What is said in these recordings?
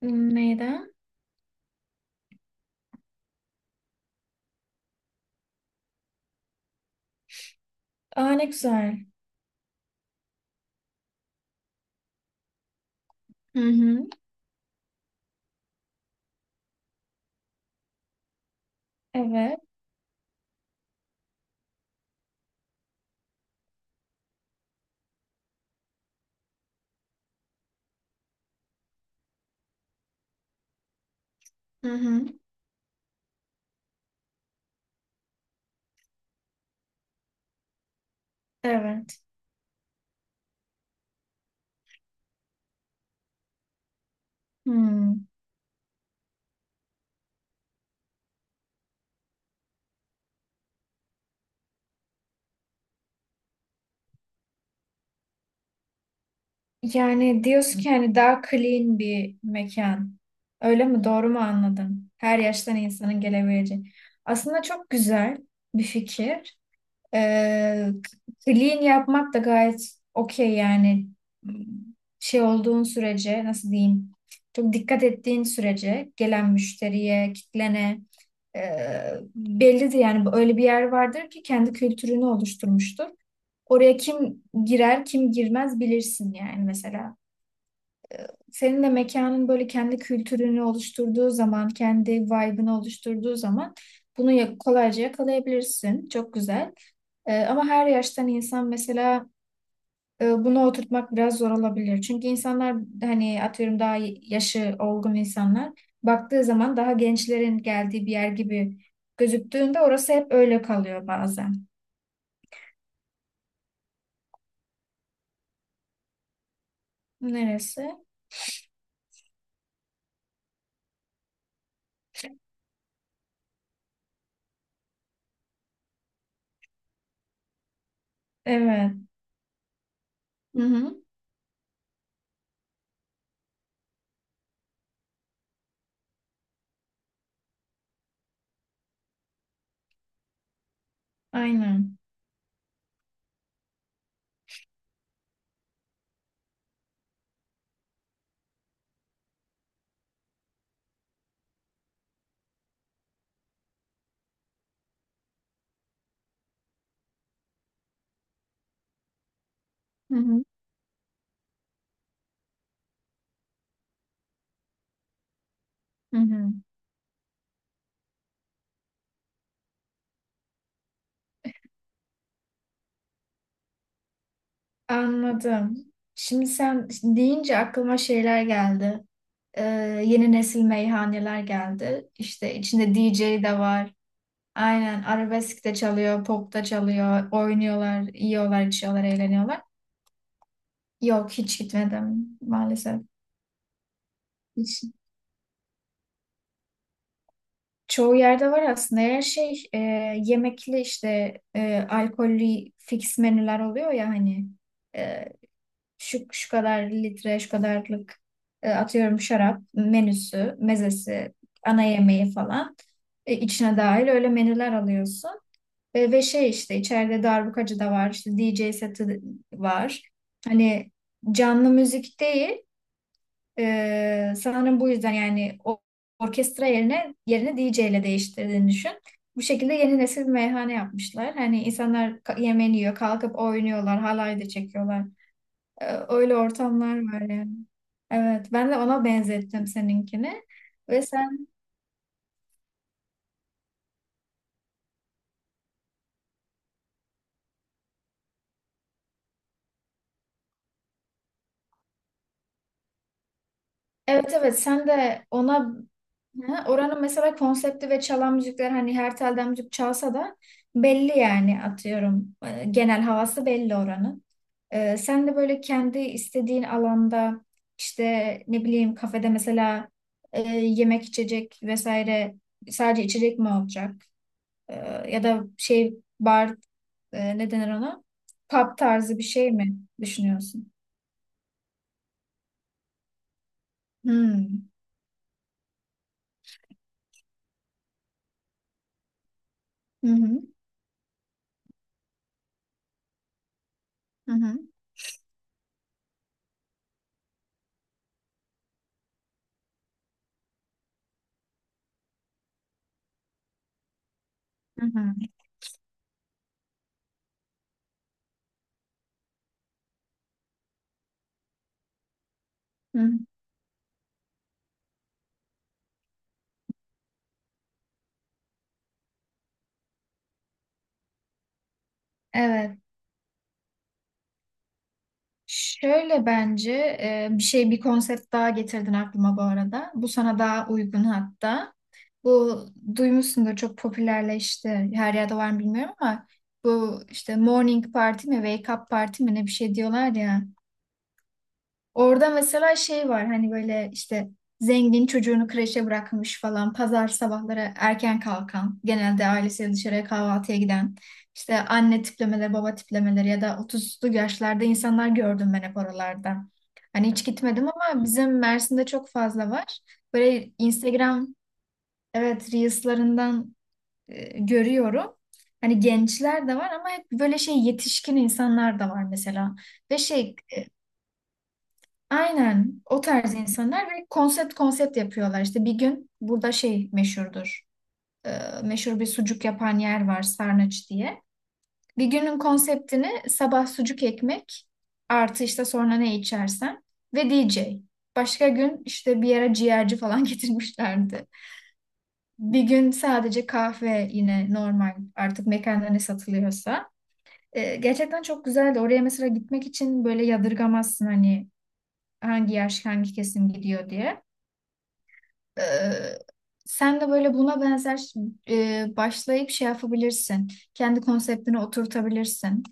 Hmm, Neyden? Aa ne güzel. Hı hı. Evet. Hı hı. Evet. Hmm. Yani diyorsun ki hani daha clean bir mekan. Öyle mi? Doğru mu anladım? Her yaştan insanın gelebileceği. Aslında çok güzel bir fikir. Ee, Clean yapmak da gayet okey yani şey olduğun sürece nasıl diyeyim çok dikkat ettiğin sürece gelen müşteriye, kitlene e, bellidir yani öyle bir yer vardır ki kendi kültürünü oluşturmuştur. Oraya kim girer, kim girmez bilirsin yani mesela. Senin de mekanın böyle kendi kültürünü oluşturduğu zaman, kendi vibe'ını oluşturduğu zaman bunu kolayca yakalayabilirsin. Çok güzel. Ama her yaştan insan mesela bunu oturtmak biraz zor olabilir. Çünkü insanlar hani atıyorum daha yaşı olgun insanlar baktığı zaman daha gençlerin geldiği bir yer gibi gözüktüğünde orası hep öyle kalıyor bazen. Neresi? Evet. Hı hı. Aynen. Hı hı. Hı hı. Anladım. Şimdi sen deyince aklıma şeyler geldi. Ee, Yeni nesil meyhaneler geldi. İşte içinde DJ de var. Aynen arabesk de çalıyor, pop da çalıyor, oynuyorlar, yiyorlar, içiyorlar, eğleniyorlar. Yok hiç gitmedim maalesef. Hiç. Çoğu yerde var aslında. Her şey yemekli işte alkollü fix menüler oluyor ya hani e, şu kadar litre, şu kadarlık atıyorum şarap menüsü, mezesi, ana yemeği falan içine dahil öyle menüler alıyorsun. Ve şey işte içeride darbukacı da var, işte D J seti var. Hani canlı müzik değil, sanırım bu yüzden yani orkestra yerine yerini D J ile değiştirdiğini düşün. Bu şekilde yeni nesil bir meyhane yapmışlar. Hani insanlar yemeğini yiyor, kalkıp oynuyorlar, halay da çekiyorlar. Öyle ortamlar var yani. Evet, ben de ona benzettim seninkini. Ve sen. Evet, evet, sen de ona. Ha, oranın mesela konsepti ve çalan müzikler hani her telden müzik çalsa da belli yani atıyorum genel havası belli oranın. Sen de böyle kendi istediğin alanda işte ne bileyim kafede mesela yemek içecek vesaire sadece içecek mi olacak? E, Ya da şey bar ne denir ona? Pub tarzı bir şey mi düşünüyorsun? Hmm. Hı hı. Hı hı. Hı hı. Hı hı. Evet. Şöyle bence bir şey bir konsept daha getirdin aklıma bu arada. Bu sana daha uygun hatta. Bu duymuşsundur çok popülerleşti. Her yerde var mı bilmiyorum ama bu işte morning party mi wake up party mi ne bir şey diyorlar ya. Orada mesela şey var hani böyle işte zengin çocuğunu kreşe bırakmış falan pazar sabahları erken kalkan genelde ailesiyle dışarıya kahvaltıya giden işte anne tiplemeleri baba tiplemeleri ya da 30'lu yaşlarda insanlar gördüm ben hep oralarda. Hani hiç gitmedim ama bizim Mersin'de çok fazla var. Böyle Instagram evet Reels'larından görüyorum. Hani gençler de var ama hep böyle şey yetişkin insanlar da var mesela. Ve şey. Aynen o tarz insanlar ve konsept konsept yapıyorlar. İşte bir gün burada şey meşhurdur. Meşhur bir sucuk yapan yer var Sarnıç diye. Bir günün konseptini sabah sucuk ekmek artı işte sonra ne içersen ve DJ. Başka gün işte bir yere ciğerci falan getirmişlerdi. Bir gün sadece kahve yine normal artık mekanda ne satılıyorsa. Gerçekten çok güzeldi. Oraya mesela gitmek için böyle yadırgamazsın hani hangi yaş hangi kesim gidiyor diye. Ee, Sen de böyle buna benzer başlayıp şey yapabilirsin. Kendi konseptini oturtabilirsin.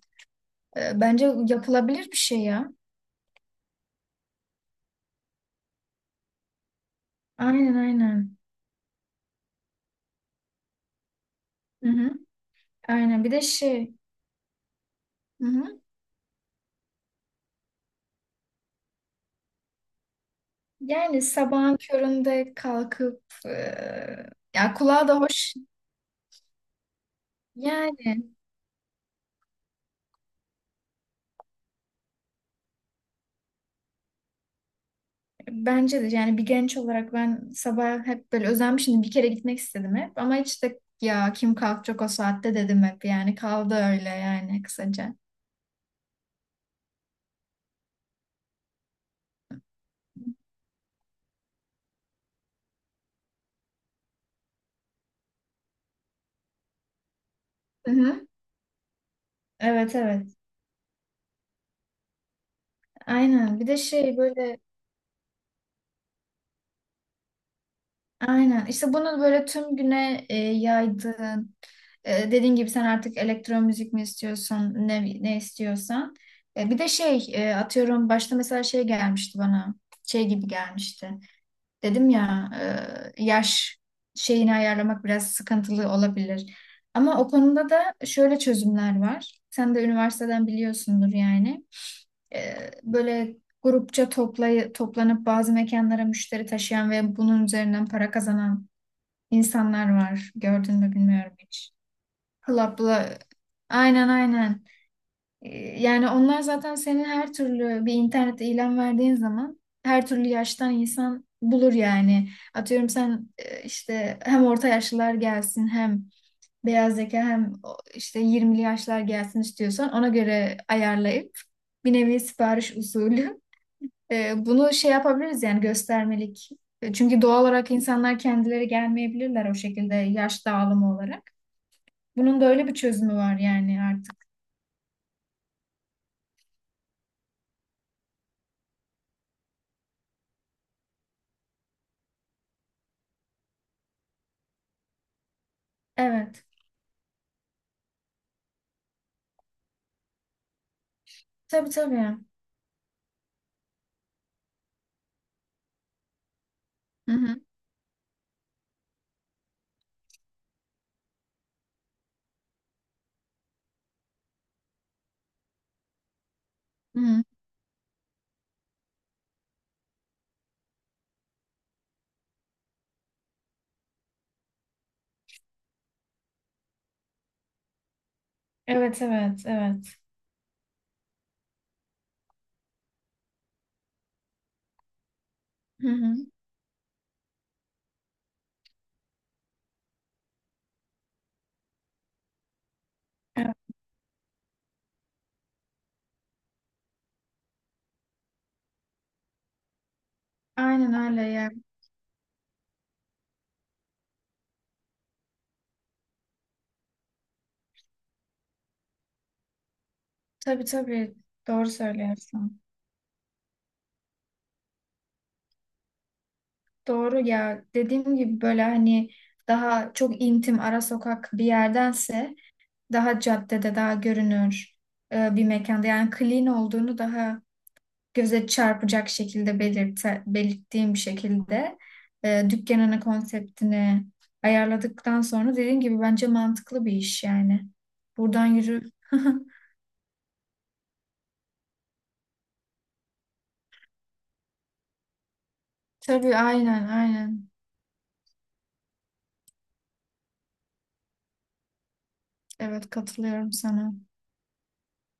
Bence yapılabilir bir şey ya. Aynen aynen. Hı hı. Aynen bir de şey. Hı hı. Yani sabahın köründe kalkıp ya kulağa da hoş. Yani bence de yani bir genç olarak ben sabah hep böyle özenmişim. Bir kere gitmek istedim hep ama hiç de ya kim kalkacak o saatte dedim hep yani kaldı öyle yani kısaca. Hı hı. Evet evet. Aynen. Bir de şey böyle aynen. İşte bunu böyle tüm güne yaydığın dediğin gibi sen artık elektron müzik mi istiyorsun ne ne istiyorsan. Bir de şey atıyorum başta mesela şey gelmişti bana. Şey gibi gelmişti. Dedim ya yaş şeyini ayarlamak biraz sıkıntılı olabilir. Ama o konuda da şöyle çözümler var. Sen de üniversiteden biliyorsundur yani. Böyle grupça toplanıp bazı mekanlara müşteri taşıyan ve bunun üzerinden para kazanan insanlar var. Gördün mü bilmiyorum hiç. Club'la aynen aynen. E, Yani onlar zaten senin her türlü bir internette ilan verdiğin zaman her türlü yaştan insan bulur yani. Atıyorum sen işte hem orta yaşlılar gelsin hem beyaz yaka hem işte 20'li yaşlar gelsin istiyorsan ona göre ayarlayıp bir nevi sipariş usulü bunu şey yapabiliriz yani göstermelik. Çünkü doğal olarak insanlar kendileri gelmeyebilirler o şekilde yaş dağılımı olarak. Bunun da öyle bir çözümü var yani artık. Evet. Tabii tabii. Hı hı. Hı hı. Evet evet evet. Hı hı. Evet. Aynen öyle ya. Tabii tabii. Doğru söylüyorsun. Doğru ya. Dediğim gibi böyle hani daha çok intim ara sokak bir yerdense daha caddede daha görünür bir mekanda yani clean olduğunu daha göze çarpacak şekilde belirttiğim bir şekilde dükkanını, konseptini ayarladıktan sonra dediğim gibi bence mantıklı bir iş yani. Buradan yürü. Tabii aynen aynen. Evet katılıyorum sana.